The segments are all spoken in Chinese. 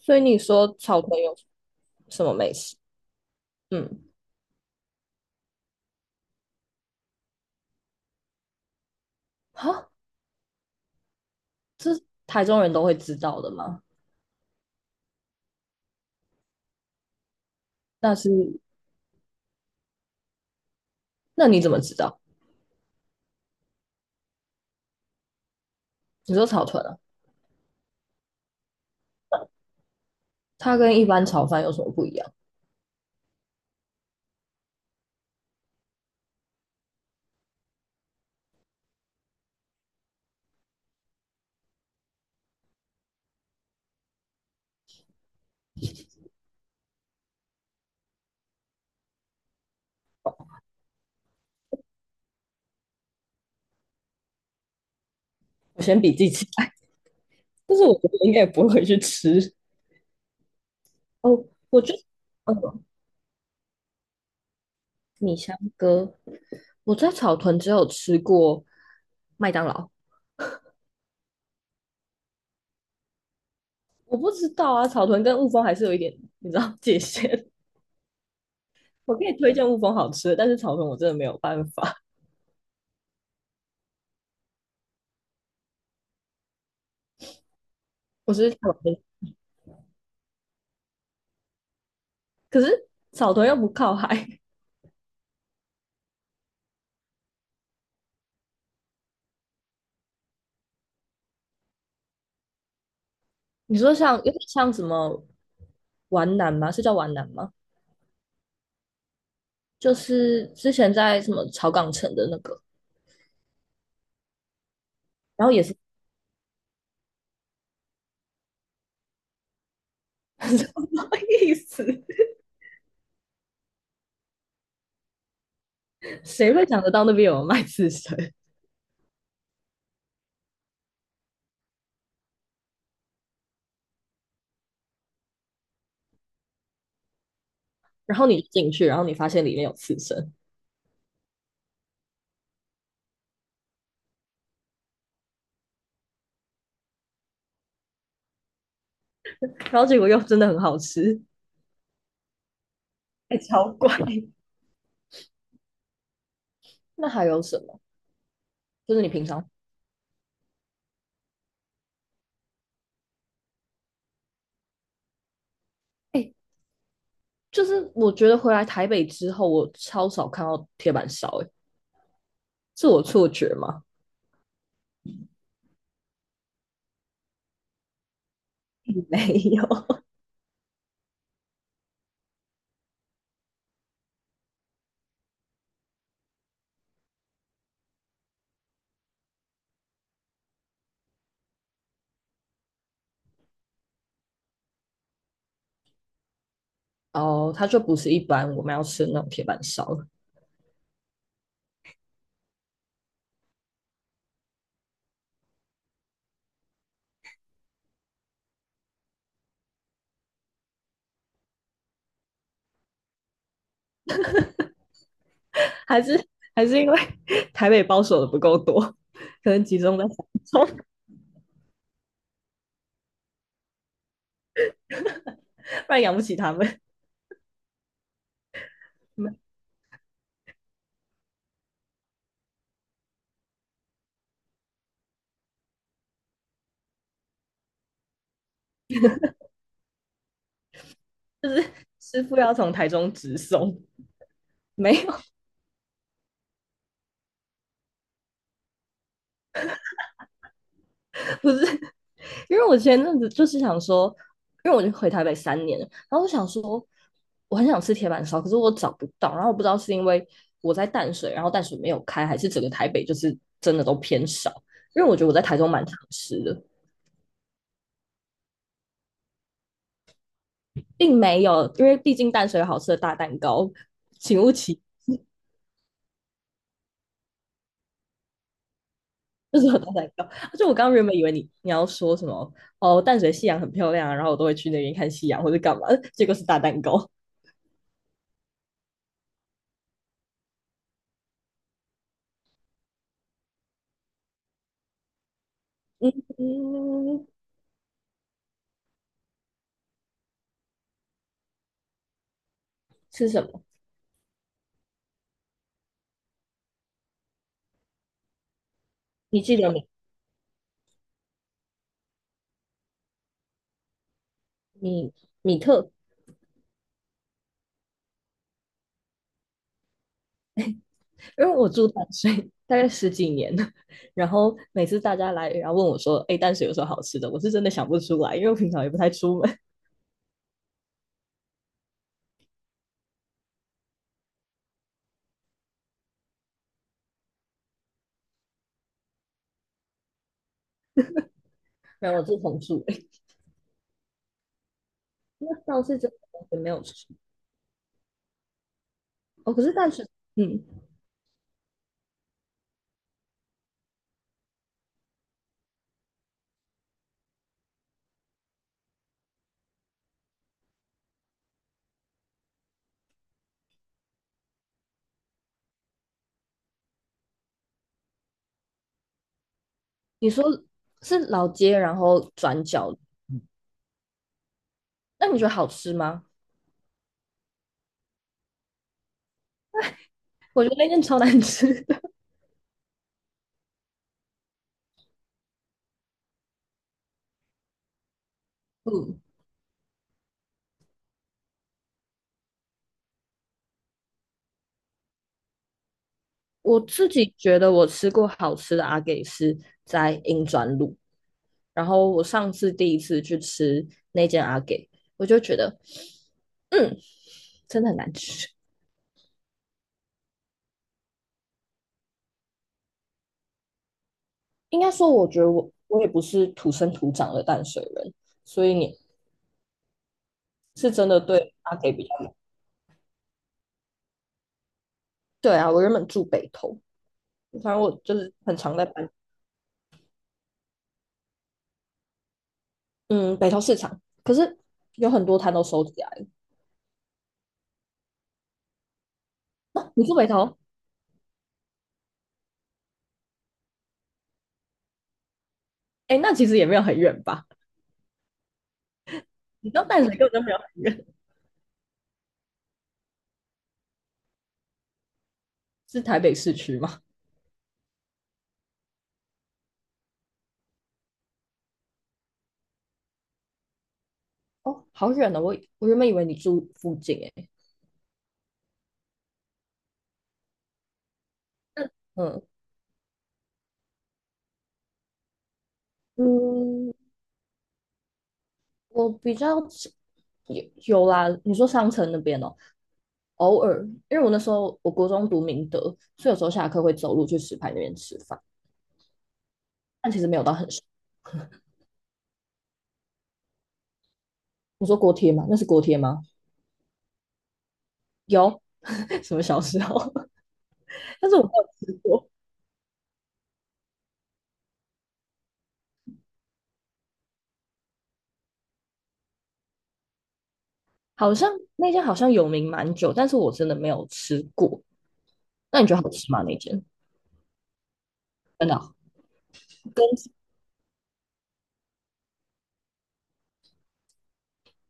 所以你说草屯有什么美食？嗯，哈，这台中人都会知道的吗？那是，那你怎么知道？你说草屯啊，它跟一般炒饭有什么不一样？我先笔记起来，但是我觉得应该也不会去吃。哦，我就，嗯，米香哥，我在草屯只有吃过麦当劳，我不知道啊，草屯跟雾峰还是有一点，你知道界限。我可以推荐雾峰好吃的，但是草屯我真的没有办法，我是草屯，可是草屯又不靠海。你说像有点像什么皖南吗？是叫皖南吗？就是之前在什么草港城的那个，然后也是 什么意思？谁会想得到那边有卖刺身？然后你进去，然后你发现里面有刺身，然后结果又真的很好吃。哎，超怪。那还有什么？就是你平常，哎，就是我觉得回来台北之后，我超少看到铁板烧，哎，是我错觉吗？没有，哦，它就不是一般我们要吃的那种铁板烧，还是还是因为 台北包手的不够多，可能集中在台中，不然养不起他们。就是师傅要从台中直送，没有，不是，因为我前阵子就是想说，因为我就回台北3年了，然后我想说，我很想吃铁板烧，可是我找不到，然后我不知道是因为我在淡水，然后淡水没有开，还是整个台北就是真的都偏少，因为我觉得我在台中蛮常吃的，并没有，因为毕竟淡水有好吃的大蛋糕，请勿歧 就是我都在搞。就我刚刚原本以为你要说什么哦，淡水夕阳很漂亮啊，然后我都会去那边看夕阳或者干嘛，结果是大蛋糕。嗯，是什么？你记得米米特？因为我住淡水大概十几年了，然后每次大家来，然后问我说：“哎，淡水有什么好吃的？”我是真的想不出来，因为我平常也不太出门。然后我住同住诶，那倒是真的完没有吃哦。可是淡水，嗯，你说是老街，然后转角，那你觉得好吃吗？我觉得那间超难吃的。嗯，我自己觉得我吃过好吃的阿给是在英专路，然后我上次第一次去吃那间阿给，我就觉得，嗯，真的很难吃。应该说，我觉得我也不是土生土长的淡水人，所以你是真的对阿给比较对啊。我原本住北投，反正我就是很常在搬，嗯，北投市场，可是有很多摊都收起来了。啊你住北投？哎，那其实也没有很远吧？你知道淡水根本就没有很远，是台北市区吗？哦，好远哦！我原本以为你住附近诶。嗯嗯，我比较有啦。你说商城那边哦，偶尔，因为我那时候我国中读明德，所以有时候下课会走路去石牌那边吃饭，但其实没有到很熟。你说锅贴吗？那是锅贴吗？有，什么小时候？但是我没有吃过，好像那间好像有名蛮久，但是我真的没有吃过。那你觉得好吃吗？那间真的？跟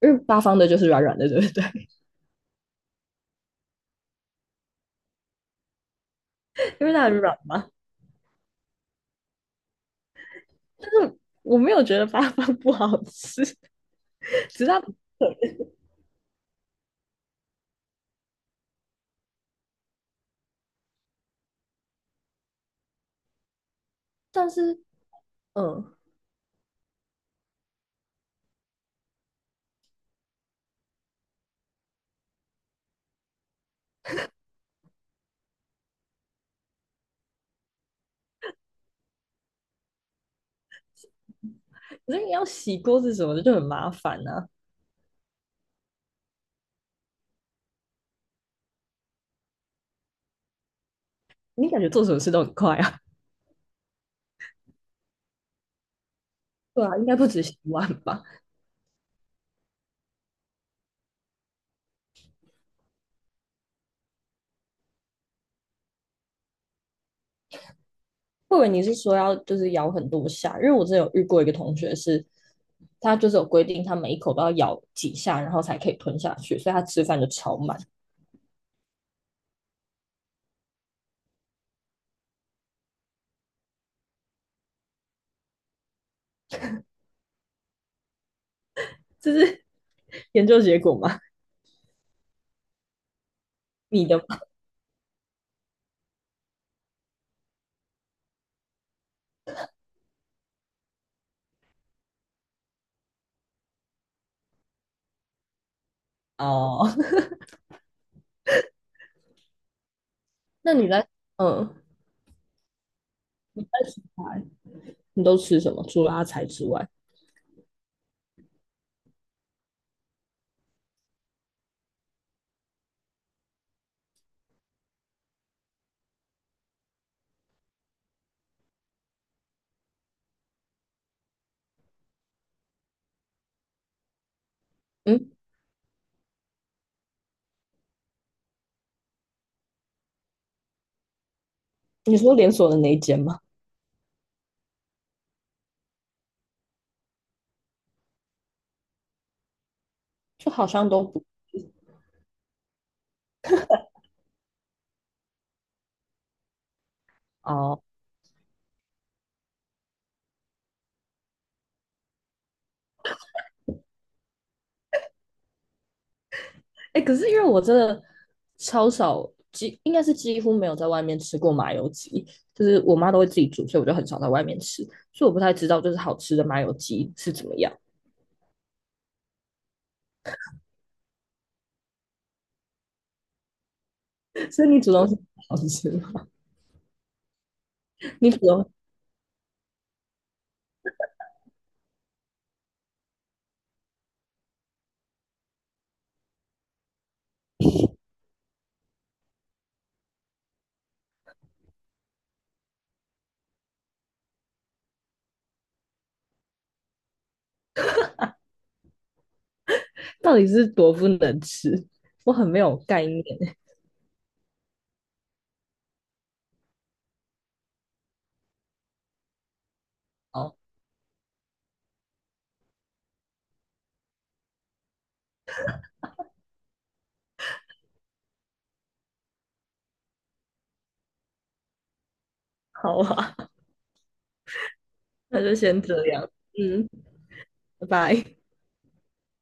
因为八方的就是软软的，对不对？因为它很软嘛。但是我没有觉得八方不好吃，只是它但是嗯，可是你要洗锅子什么的就很麻烦啊。你感觉做什么事都很快啊？对啊，应该不止洗碗吧？或者你是说要就是咬很多下？因为我之前有遇过一个同学是，他就是有规定，他每一口都要咬几下，然后才可以吞下去，所以他吃饭就超慢。这是 研究结果吗？你的哦，那你在嗯，在洗块，你都吃什么？除了阿财之外，嗯，你说连锁的那一间吗？就好像都不，哦，哎，欸可是因为我真的超少，应该是几乎没有在外面吃过麻油鸡，就是我妈都会自己煮，所以我就很少在外面吃，所以我不太知道就是好吃的麻油鸡是怎么样。所以你煮东西好吃吗？你煮东西到底是多不能吃？我很没有概念。哦，好啊，那就先这样，嗯，拜拜。